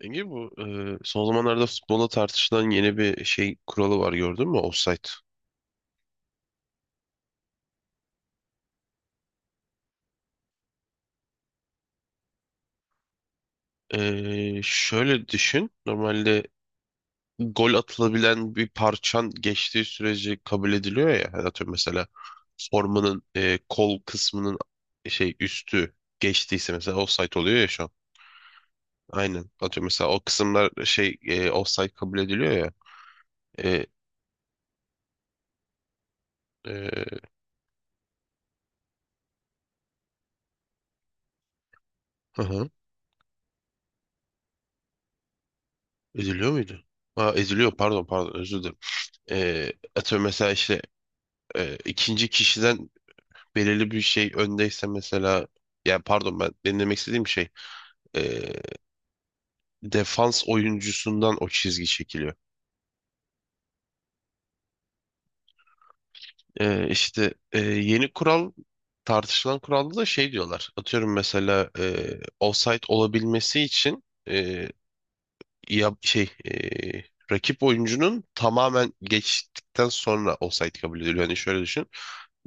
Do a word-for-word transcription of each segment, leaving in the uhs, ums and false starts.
Enge bu e, son zamanlarda futbolda tartışılan yeni bir şey kuralı var, gördün mü? Offside. E, şöyle düşün. Normalde gol atılabilen bir parçan geçtiği sürece kabul ediliyor ya. Hani atıyorum mesela formanın e, kol kısmının şey üstü geçtiyse mesela offside oluyor ya şu an. Aynen. Atıyorum mesela o kısımlar şey e, offside kabul ediliyor ya. E, e, hı hı. Ediliyor muydu? Ha, ediliyor, pardon pardon özür dilerim. E, atıyorum mesela işte e, ikinci kişiden belirli bir şey öndeyse mesela, yani pardon ben benim demek istediğim şey, e, defans oyuncusundan o çizgi çekiliyor. E, işte e, yeni kural, tartışılan kuralda da şey diyorlar. Atıyorum mesela e, offside olabilmesi için e, ya şey eee, rakip oyuncunun tamamen geçtikten sonra offside kabul ediliyor. Hani şöyle düşün.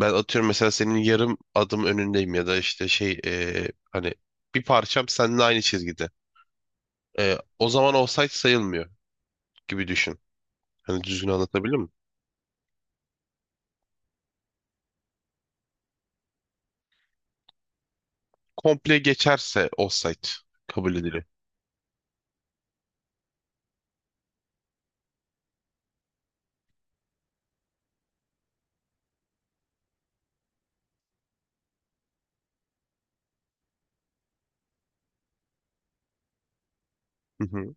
Ben atıyorum mesela senin yarım adım önündeyim ya da işte şey eee, hani bir parçam seninle aynı çizgide. Eee, o zaman offside sayılmıyor gibi düşün. Hani düzgün anlatabildim mi? Komple geçerse offside kabul ediliyor. Hı hı.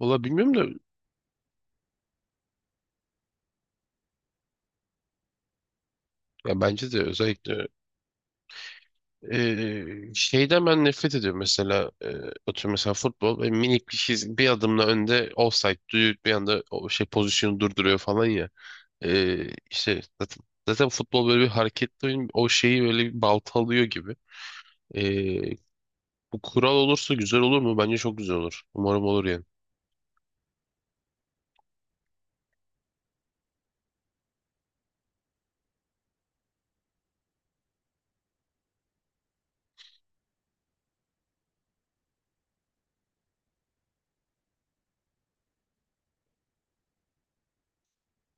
Valla bilmiyorum da ya bence de özellikle Ee, şeyden ben nefret ediyorum mesela, e, atıyorum mesela futbol ve minik bir şey, bir adımla önde offside duyuyor bir anda, o şey pozisyonu durduruyor falan ya. Ee, işte zaten, zaten futbol böyle bir hareketli oyun, o şeyi böyle bir balta alıyor gibi. Ee, Bu kural olursa güzel olur mu? Bence çok güzel olur. Umarım olur yani.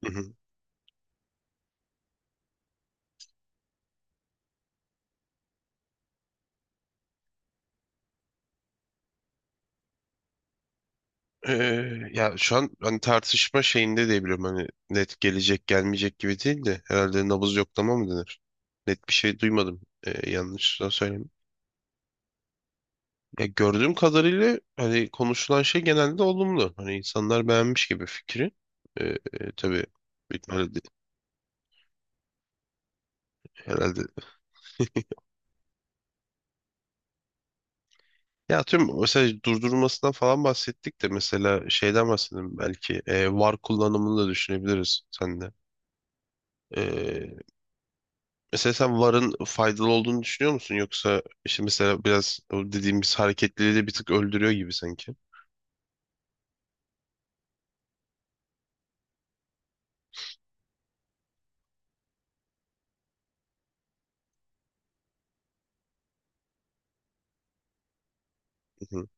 Hı hı. Ee, ya şu an hani tartışma şeyinde diyebilirim, hani net gelecek gelmeyecek gibi değil de, herhalde nabız yoklama mı denir? Net bir şey duymadım. Ee, yanlış da. Ya gördüğüm kadarıyla hani konuşulan şey genelde olumlu. Hani insanlar beğenmiş gibi fikri. Ee, e, tabii bitmeli de- herhalde. Ya tüm mesela durdurulmasından falan bahsettik de mesela şeyden bahsedelim belki, e, V A R kullanımını da düşünebiliriz sende. Ee, Mesela sen V A R'ın faydalı olduğunu düşünüyor musun? Yoksa işte mesela biraz o dediğimiz hareketliliği de bir tık öldürüyor gibi sanki. Hı hı.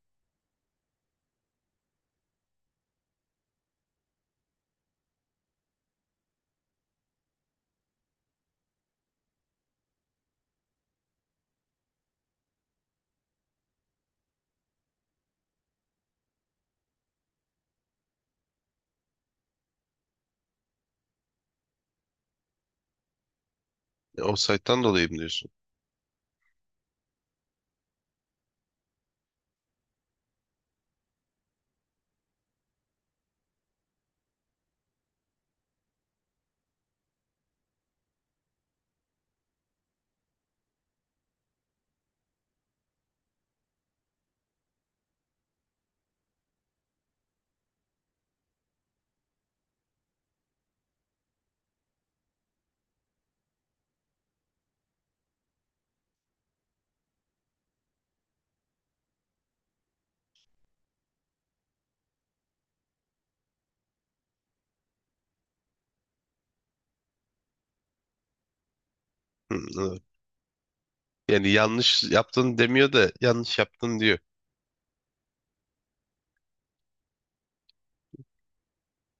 E, Offside'dan dolayı mı diyorsun? Hı, evet. Yani yanlış yaptın demiyor da yanlış yaptın diyor.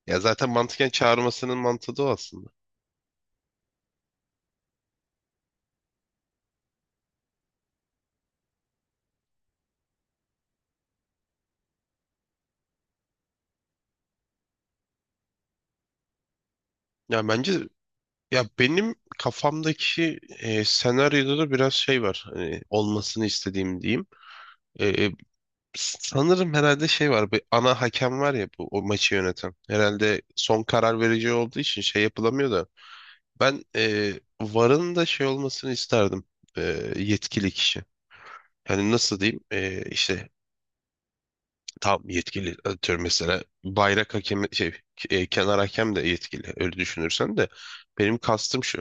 Ya zaten mantıken çağırmasının mantığı da o aslında. Ya bence ya benim kafamdaki e, senaryoda da biraz şey var. Hani olmasını istediğim diyeyim. E, e, sanırım herhalde şey var. Bir ana hakem var ya, bu o maçı yöneten. Herhalde son karar verici olduğu için şey yapılamıyor da. Ben e, V A R'ın da şey olmasını isterdim. E, Yetkili kişi. Hani nasıl diyeyim? E, işte tam yetkili, atıyorum mesela bayrak hakemi şey, e, kenar hakem de yetkili öyle düşünürsen de benim kastım şu: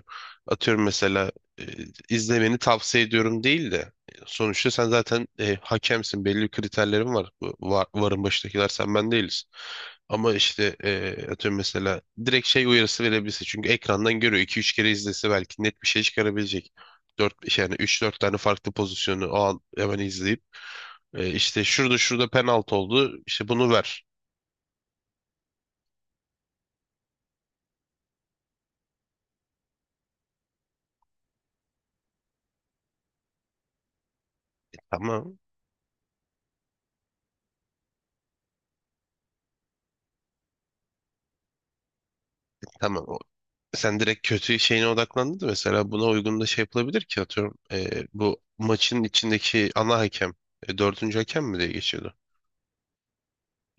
atıyorum mesela, e, izlemeni tavsiye ediyorum değil de, e, sonuçta sen zaten e, hakemsin, belli bir kriterlerin var. Bu var, varın başındakiler sen ben değiliz, ama işte e, atıyorum mesela direkt şey uyarısı verebilirsin, çünkü ekrandan görüyor, iki üç kere izlese belki net bir şey çıkarabilecek. dört yani üç dört tane farklı pozisyonu o an hemen izleyip, e, işte şurada şurada penaltı oldu, İşte bunu ver. Tamam. Tamam. O- Sen direkt kötü şeyine odaklandın da mesela buna uygun da şey yapılabilir ki, atıyorum, e, bu maçın içindeki ana hakem, e, dördüncü hakem mi diye geçiyordu,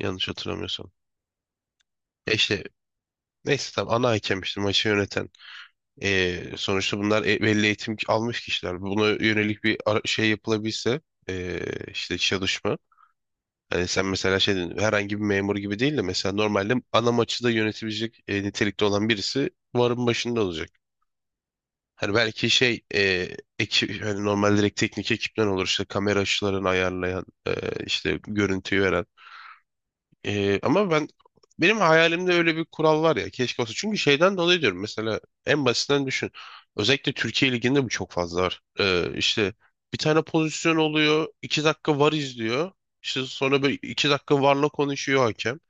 yanlış hatırlamıyorsam. E işte neyse, tamam ana hakem işte maçı yöneten. E, sonuçta bunlar e- belli eğitim almış kişiler. Buna yönelik bir ara- şey yapılabilse, e, işte çalışma. Hani sen mesela şey dedin, herhangi bir memur gibi değil de, mesela normalde ana maçı da yönetebilecek e, nitelikte olan birisi varın başında olacak. Hani belki şey e, ekip, hani normal direkt teknik ekipten olur, işte kamera açılarını ayarlayan, e, işte görüntüyü veren. Ee, ama ben benim hayalimde öyle bir kural var ya, keşke olsa. Çünkü şeyden dolayı diyorum mesela, en basitinden düşün. Özellikle Türkiye Ligi'nde bu çok fazla var. Ee, işte bir tane pozisyon oluyor, iki dakika var izliyor. İşte sonra böyle iki dakika varla konuşuyor hakem.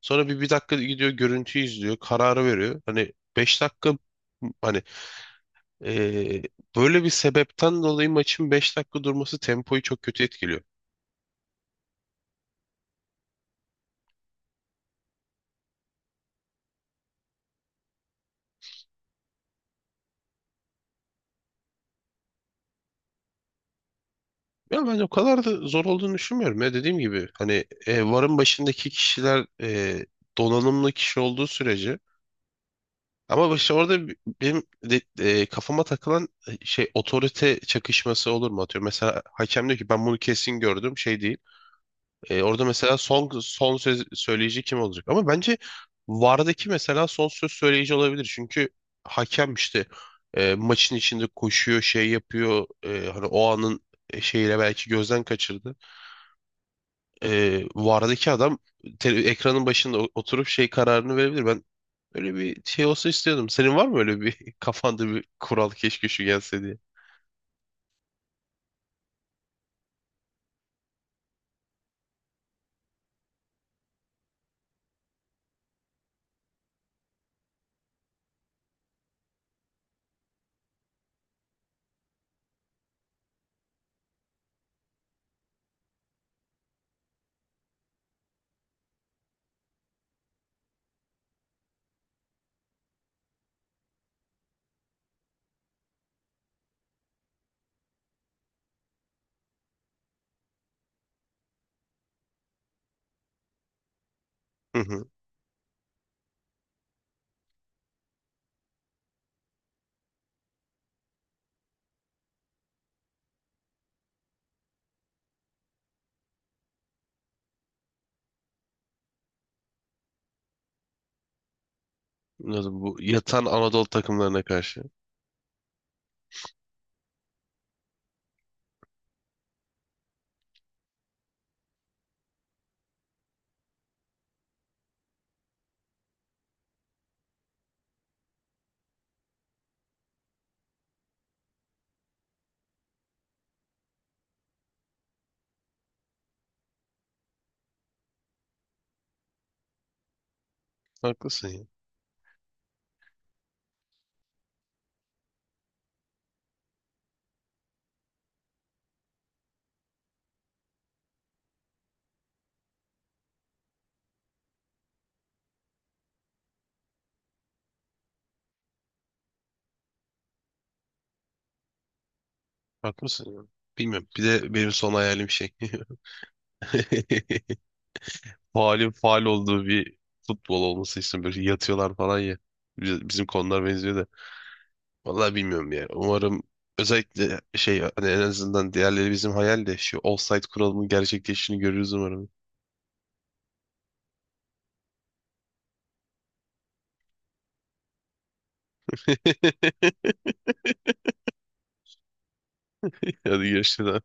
Sonra bir, bir dakika gidiyor görüntü izliyor. Kararı veriyor. Hani beş dakika, hani, ee, böyle bir sebepten dolayı maçın beş dakika durması tempoyu çok kötü etkiliyor. Ya ben o kadar da zor olduğunu düşünmüyorum. Ya dediğim gibi hani e, varın başındaki kişiler e, donanımlı kişi olduğu sürece, ama işte orada bi- benim de- e, kafama takılan e, şey, otorite çakışması olur mu, atıyor mesela hakem diyor ki ben bunu kesin gördüm, şey değil. E, orada mesela son son söz söyleyici kim olacak? Ama bence vardaki mesela son söz söyleyici olabilir. Çünkü hakem işte e, maçın içinde koşuyor şey yapıyor. E, hani o anın e, şeyiyle belki gözden kaçırdı. E, vardaki adam te- ekranın başında o- oturup şey kararını verebilir. Ben öyle bir şey olsa istiyordum. Senin var mı öyle bir kafanda bir kural, keşke şu gelse diye? Hı hı. Anladım. Bu yatan Anadolu takımlarına karşı. Haklısın ya. Haklısın ya. Bilmiyorum. Bir de benim son hayalim şey. Faalin faal olduğu bir futbol olması istiyorum. Böyle yatıyorlar falan ya. Biz- Bizim konular benziyor da. Vallahi bilmiyorum ya. Umarım, özellikle şey hani, en azından diğerleri bizim hayal de şu offside kuralının gerçekleştiğini görürüz umarım. Hadi görüşürüz.